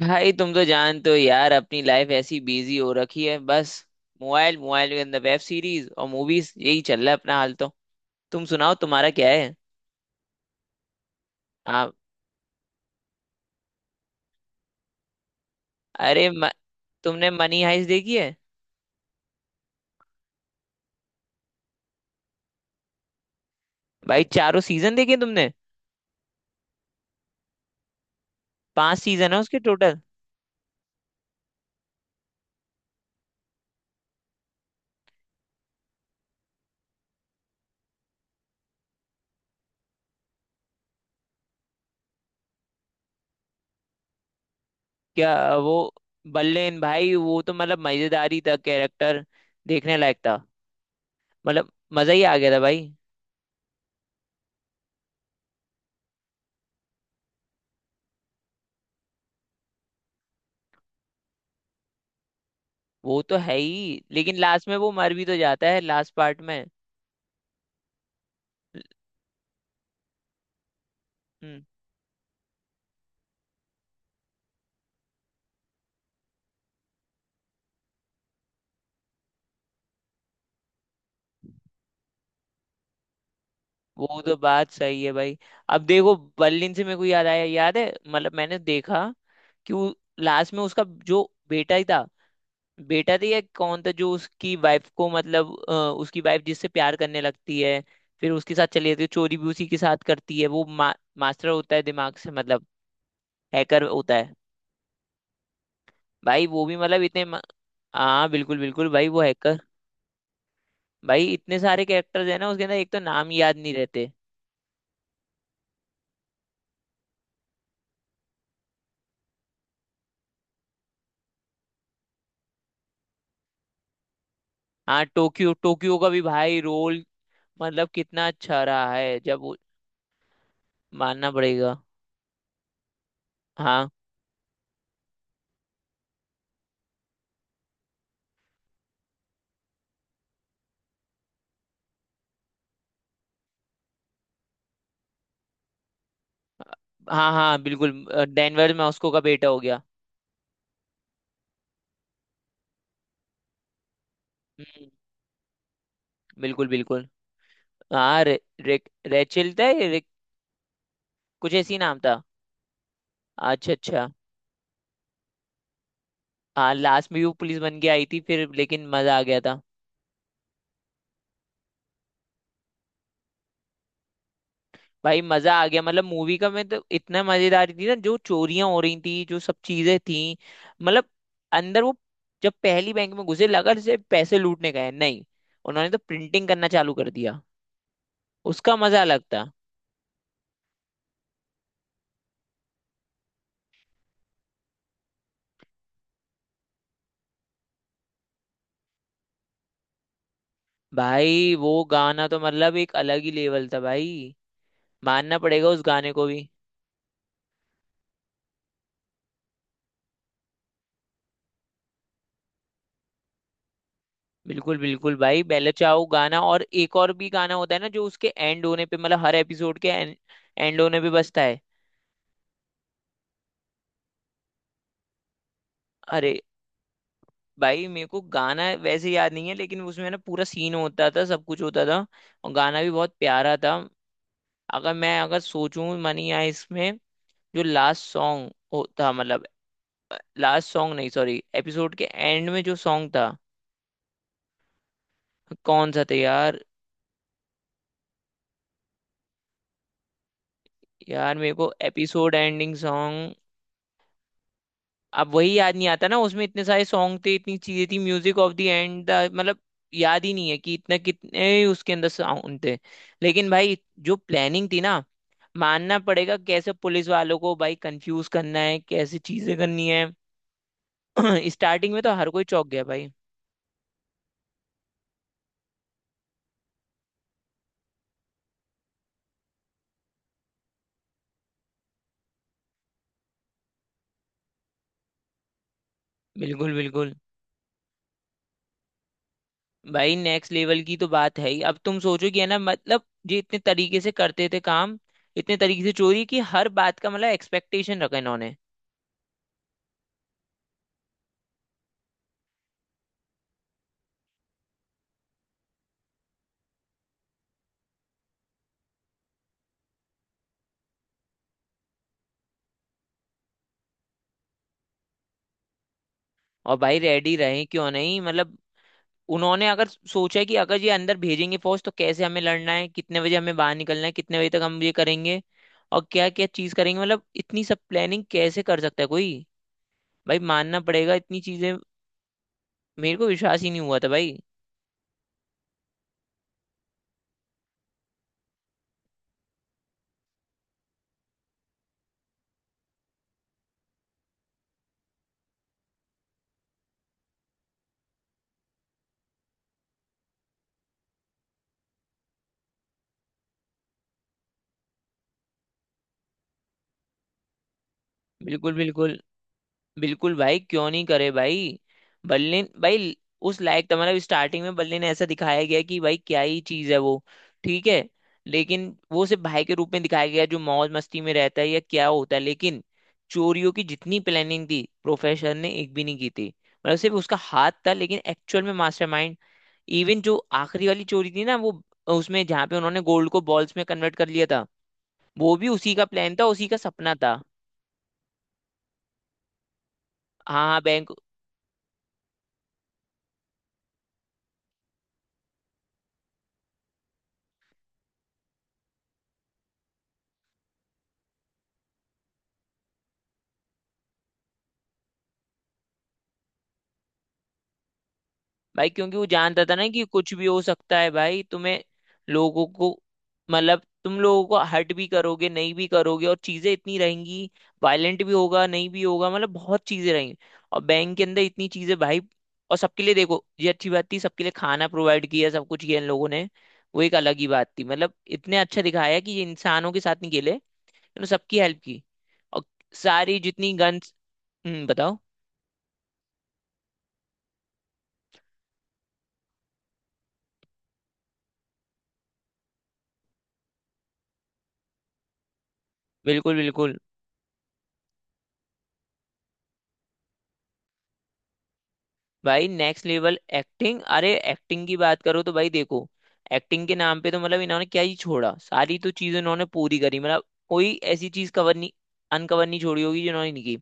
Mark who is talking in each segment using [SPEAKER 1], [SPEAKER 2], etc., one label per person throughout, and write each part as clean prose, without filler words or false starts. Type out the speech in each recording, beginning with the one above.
[SPEAKER 1] भाई तुम तो जानते हो यार, अपनी लाइफ ऐसी बिजी हो रखी है। बस मोबाइल मोबाइल के अंदर वेब सीरीज और मूवीज, यही चल रहा है अपना हाल। तो तुम सुनाओ, तुम्हारा क्या है? आप? अरे म, तुमने मनी हाइस्ट देखी है? भाई चारों सीजन देखे तुमने? पांच सीजन है उसके टोटल। क्या वो बल्लेन? भाई वो तो मतलब मजेदारी था कैरेक्टर। देखने लायक था। मतलब मजा ही आ गया था भाई। वो तो है ही, लेकिन लास्ट में वो मर भी तो जाता है, लास्ट पार्ट में। हम्म। वो तो बात सही है भाई। अब देखो, बर्लिन से मेरे को याद आया। याद है, मतलब मैंने देखा कि वो लास्ट में उसका जो बेटा ही था। बेटा था या कौन था जो उसकी वाइफ को, मतलब उसकी वाइफ जिससे प्यार करने लगती है, फिर उसके साथ चली जाती है, चोरी भी उसी के साथ करती है। वो मास्टर होता है दिमाग से, मतलब हैकर होता है। भाई वो भी मतलब हाँ बिल्कुल बिल्कुल भाई, वो हैकर। भाई इतने सारे कैरेक्टर्स है ना उसके अंदर, एक तो नाम याद नहीं रहते। हाँ टोक्यो, टोक्यो का भी भाई रोल, मतलब कितना अच्छा रहा है मानना पड़ेगा। हाँ हाँ हाँ बिल्कुल। डेनवर में उसको का बेटा हो गया। हम्म, बिल्कुल बिल्कुल। हाँ रे, रे, रेचल था ये, कुछ ऐसी नाम था। अच्छा अच्छा। हाँ लास्ट में भी वो पुलिस बन के आई थी फिर, लेकिन मजा आ गया था। भाई मजा आ गया मतलब, मूवी का मैं तो, इतना मजेदार थी ना, जो चोरियां हो रही थी, जो सब चीजें थी। मतलब अंदर वो जब पहली बैंक में घुसे, लगा जैसे पैसे लूटने गए हैं। नहीं, उन्होंने तो प्रिंटिंग करना चालू कर दिया। उसका मजा अलग था। भाई वो गाना तो मतलब एक अलग ही लेवल था भाई। मानना पड़ेगा उस गाने को भी। बिल्कुल बिल्कुल भाई। पहले चाहो गाना, और एक और भी गाना होता है ना जो उसके एंड होने पे, मतलब हर एपिसोड के एंड होने पे बजता है। अरे भाई मेरे को गाना वैसे याद नहीं है, लेकिन उसमें ना पूरा सीन होता था, सब कुछ होता था, और गाना भी बहुत प्यारा था। अगर मैं अगर सोचूं मनी आए इसमें, जो लास्ट सॉन्ग होता मतलब, लास्ट सॉन्ग नहीं सॉरी, एपिसोड के एंड में जो सॉन्ग था, कौन सा था यार। यार मेरे को एपिसोड एंडिंग सॉन्ग, अब वही याद नहीं आता ना। उसमें इतने सारे सॉन्ग थे, इतनी चीजें थी, म्यूजिक ऑफ द एंड, मतलब याद ही नहीं है कि इतना कितने उसके अंदर साउंड थे। लेकिन भाई जो प्लानिंग थी ना, मानना पड़ेगा, कैसे पुलिस वालों को भाई कंफ्यूज करना है, कैसे चीजें करनी है। स्टार्टिंग में तो हर कोई चौंक गया भाई। बिल्कुल बिल्कुल। भाई नेक्स्ट लेवल की तो बात है ही। अब तुम सोचो कि है ना, मतलब ये इतने तरीके से करते थे काम, इतने तरीके से चोरी, कि हर बात का मतलब एक्सपेक्टेशन रखा इन्होंने। और भाई रेडी रहे क्यों नहीं, मतलब उन्होंने अगर सोचा कि अगर ये अंदर भेजेंगे फौज, तो कैसे हमें लड़ना है, कितने बजे हमें बाहर निकलना है, कितने बजे तक हम ये करेंगे और क्या क्या चीज करेंगे, मतलब इतनी सब प्लानिंग कैसे कर सकता है कोई। भाई मानना पड़ेगा इतनी चीजें। मेरे को विश्वास ही नहीं हुआ था भाई। बिल्कुल बिल्कुल। बिल्कुल भाई क्यों नहीं करे भाई। बर्लिन भाई, उस लायक तो मतलब, स्टार्टिंग में बर्लिन ऐसा दिखाया गया कि भाई क्या ही चीज है वो। ठीक है। लेकिन वो सिर्फ भाई के रूप में दिखाया गया, जो मौज मस्ती में रहता है या क्या होता है। लेकिन चोरियों की जितनी प्लानिंग थी, प्रोफेसर ने एक भी नहीं की थी। मतलब सिर्फ उसका हाथ था, लेकिन एक्चुअल में मास्टरमाइंड। इवन जो आखिरी वाली चोरी थी ना वो, उसमें जहाँ पे उन्होंने गोल्ड को बॉल्स में कन्वर्ट कर लिया था, वो भी उसी का प्लान था, उसी का सपना था। हाँ हाँ बैंक। भाई क्योंकि वो जानता था ना कि कुछ भी हो सकता है भाई, तुम्हें लोगों को, मतलब तुम लोगों को हर्ट भी करोगे, नहीं भी करोगे, और चीजें इतनी रहेंगी, वायलेंट भी होगा नहीं भी होगा, मतलब बहुत चीजें रहेंगी। और बैंक के अंदर इतनी चीजें भाई। और सबके लिए, देखो ये अच्छी बात थी, सबके लिए खाना प्रोवाइड किया, सब कुछ किया इन लोगों ने। वो एक अलग ही बात थी, मतलब इतने अच्छा दिखाया कि ये इंसानों के साथ नहीं खेले, इन्होंने सबकी हेल्प की, और सारी जितनी गन्स, बताओ। बिल्कुल बिल्कुल। भाई नेक्स्ट लेवल एक्टिंग। अरे एक्टिंग की बात करो तो भाई देखो, एक्टिंग के नाम पे तो मतलब इन्होंने क्या ही छोड़ा। सारी तो चीज इन्होंने पूरी करी, मतलब कोई ऐसी चीज कवर नहीं, अनकवर नहीं छोड़ी होगी जो इन्होंने नहीं की।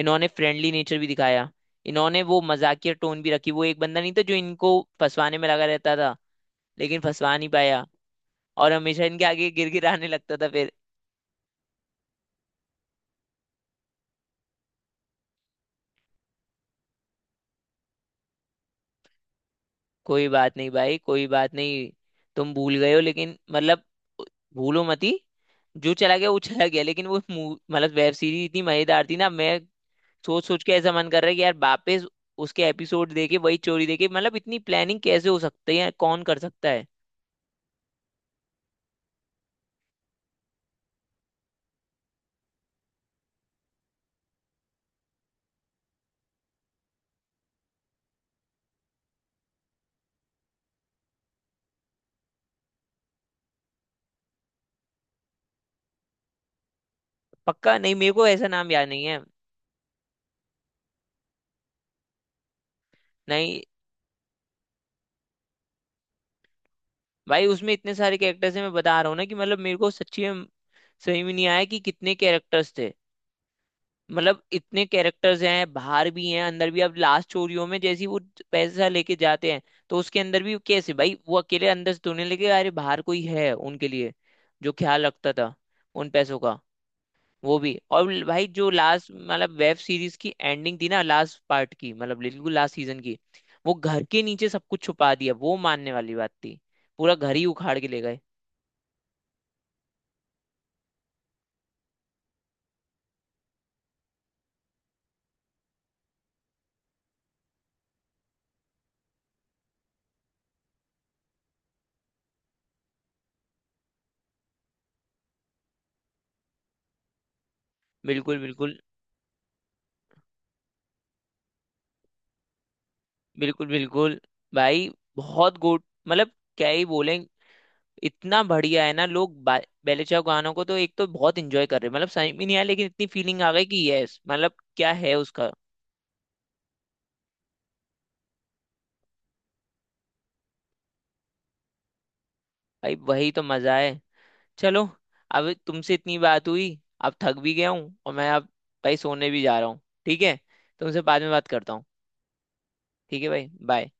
[SPEAKER 1] इन्होंने फ्रेंडली नेचर भी दिखाया, इन्होंने वो मजाकिया टोन भी रखी, वो एक बंदा नहीं था जो इनको फंसवाने में लगा रहता था, लेकिन फंसवा नहीं पाया, और हमेशा इनके आगे गिर गिर आने लगता था फिर। कोई बात नहीं भाई, कोई बात नहीं। तुम भूल गए हो, लेकिन मतलब भूलो मती। जो चला गया वो चला गया। लेकिन वो मतलब वेब सीरीज इतनी मजेदार थी ना, मैं सोच सोच के ऐसा मन कर रहा है कि यार वापस उसके एपिसोड देखे, वही चोरी देखे, मतलब इतनी प्लानिंग कैसे हो सकती है, कौन कर सकता है। पक्का नहीं, मेरे को ऐसा नाम याद नहीं है। नहीं भाई, उसमें इतने सारे कैरेक्टर्स हैं, मैं बता रहा हूँ ना कि मतलब मेरे को सच्ची में, सही में नहीं आया कि कितने कैरेक्टर्स थे। मतलब इतने कैरेक्टर्स हैं, बाहर भी हैं अंदर भी। अब लास्ट चोरियों में जैसी वो पैसा लेके जाते हैं, तो उसके अंदर भी कैसे भाई वो अकेले अंदर से ढूंढने लगे, अरे बाहर कोई है उनके लिए जो ख्याल रखता था उन पैसों का। वो भी, और भाई जो लास्ट मतलब वेब सीरीज की एंडिंग थी ना, लास्ट पार्ट की, मतलब बिल्कुल लास्ट सीजन की, वो घर के नीचे सब कुछ छुपा दिया, वो मानने वाली बात थी। पूरा घर ही उखाड़ के ले गए। बिल्कुल बिल्कुल। बिल्कुल बिल्कुल। भाई बहुत गुड, मतलब क्या ही बोले। इतना बढ़िया है ना, लोग बेले चाव गानों को तो एक तो बहुत इंजॉय कर रहे हैं, मतलब समझ में नहीं आया, लेकिन इतनी फीलिंग आ गई कि यस मतलब, क्या है उसका। भाई वही तो मजा है। चलो, अब तुमसे इतनी बात हुई, अब थक भी गया हूँ, और मैं अब भाई सोने भी जा रहा हूँ। ठीक है? तुमसे बाद में बात करता हूँ। ठीक है भाई, बाय।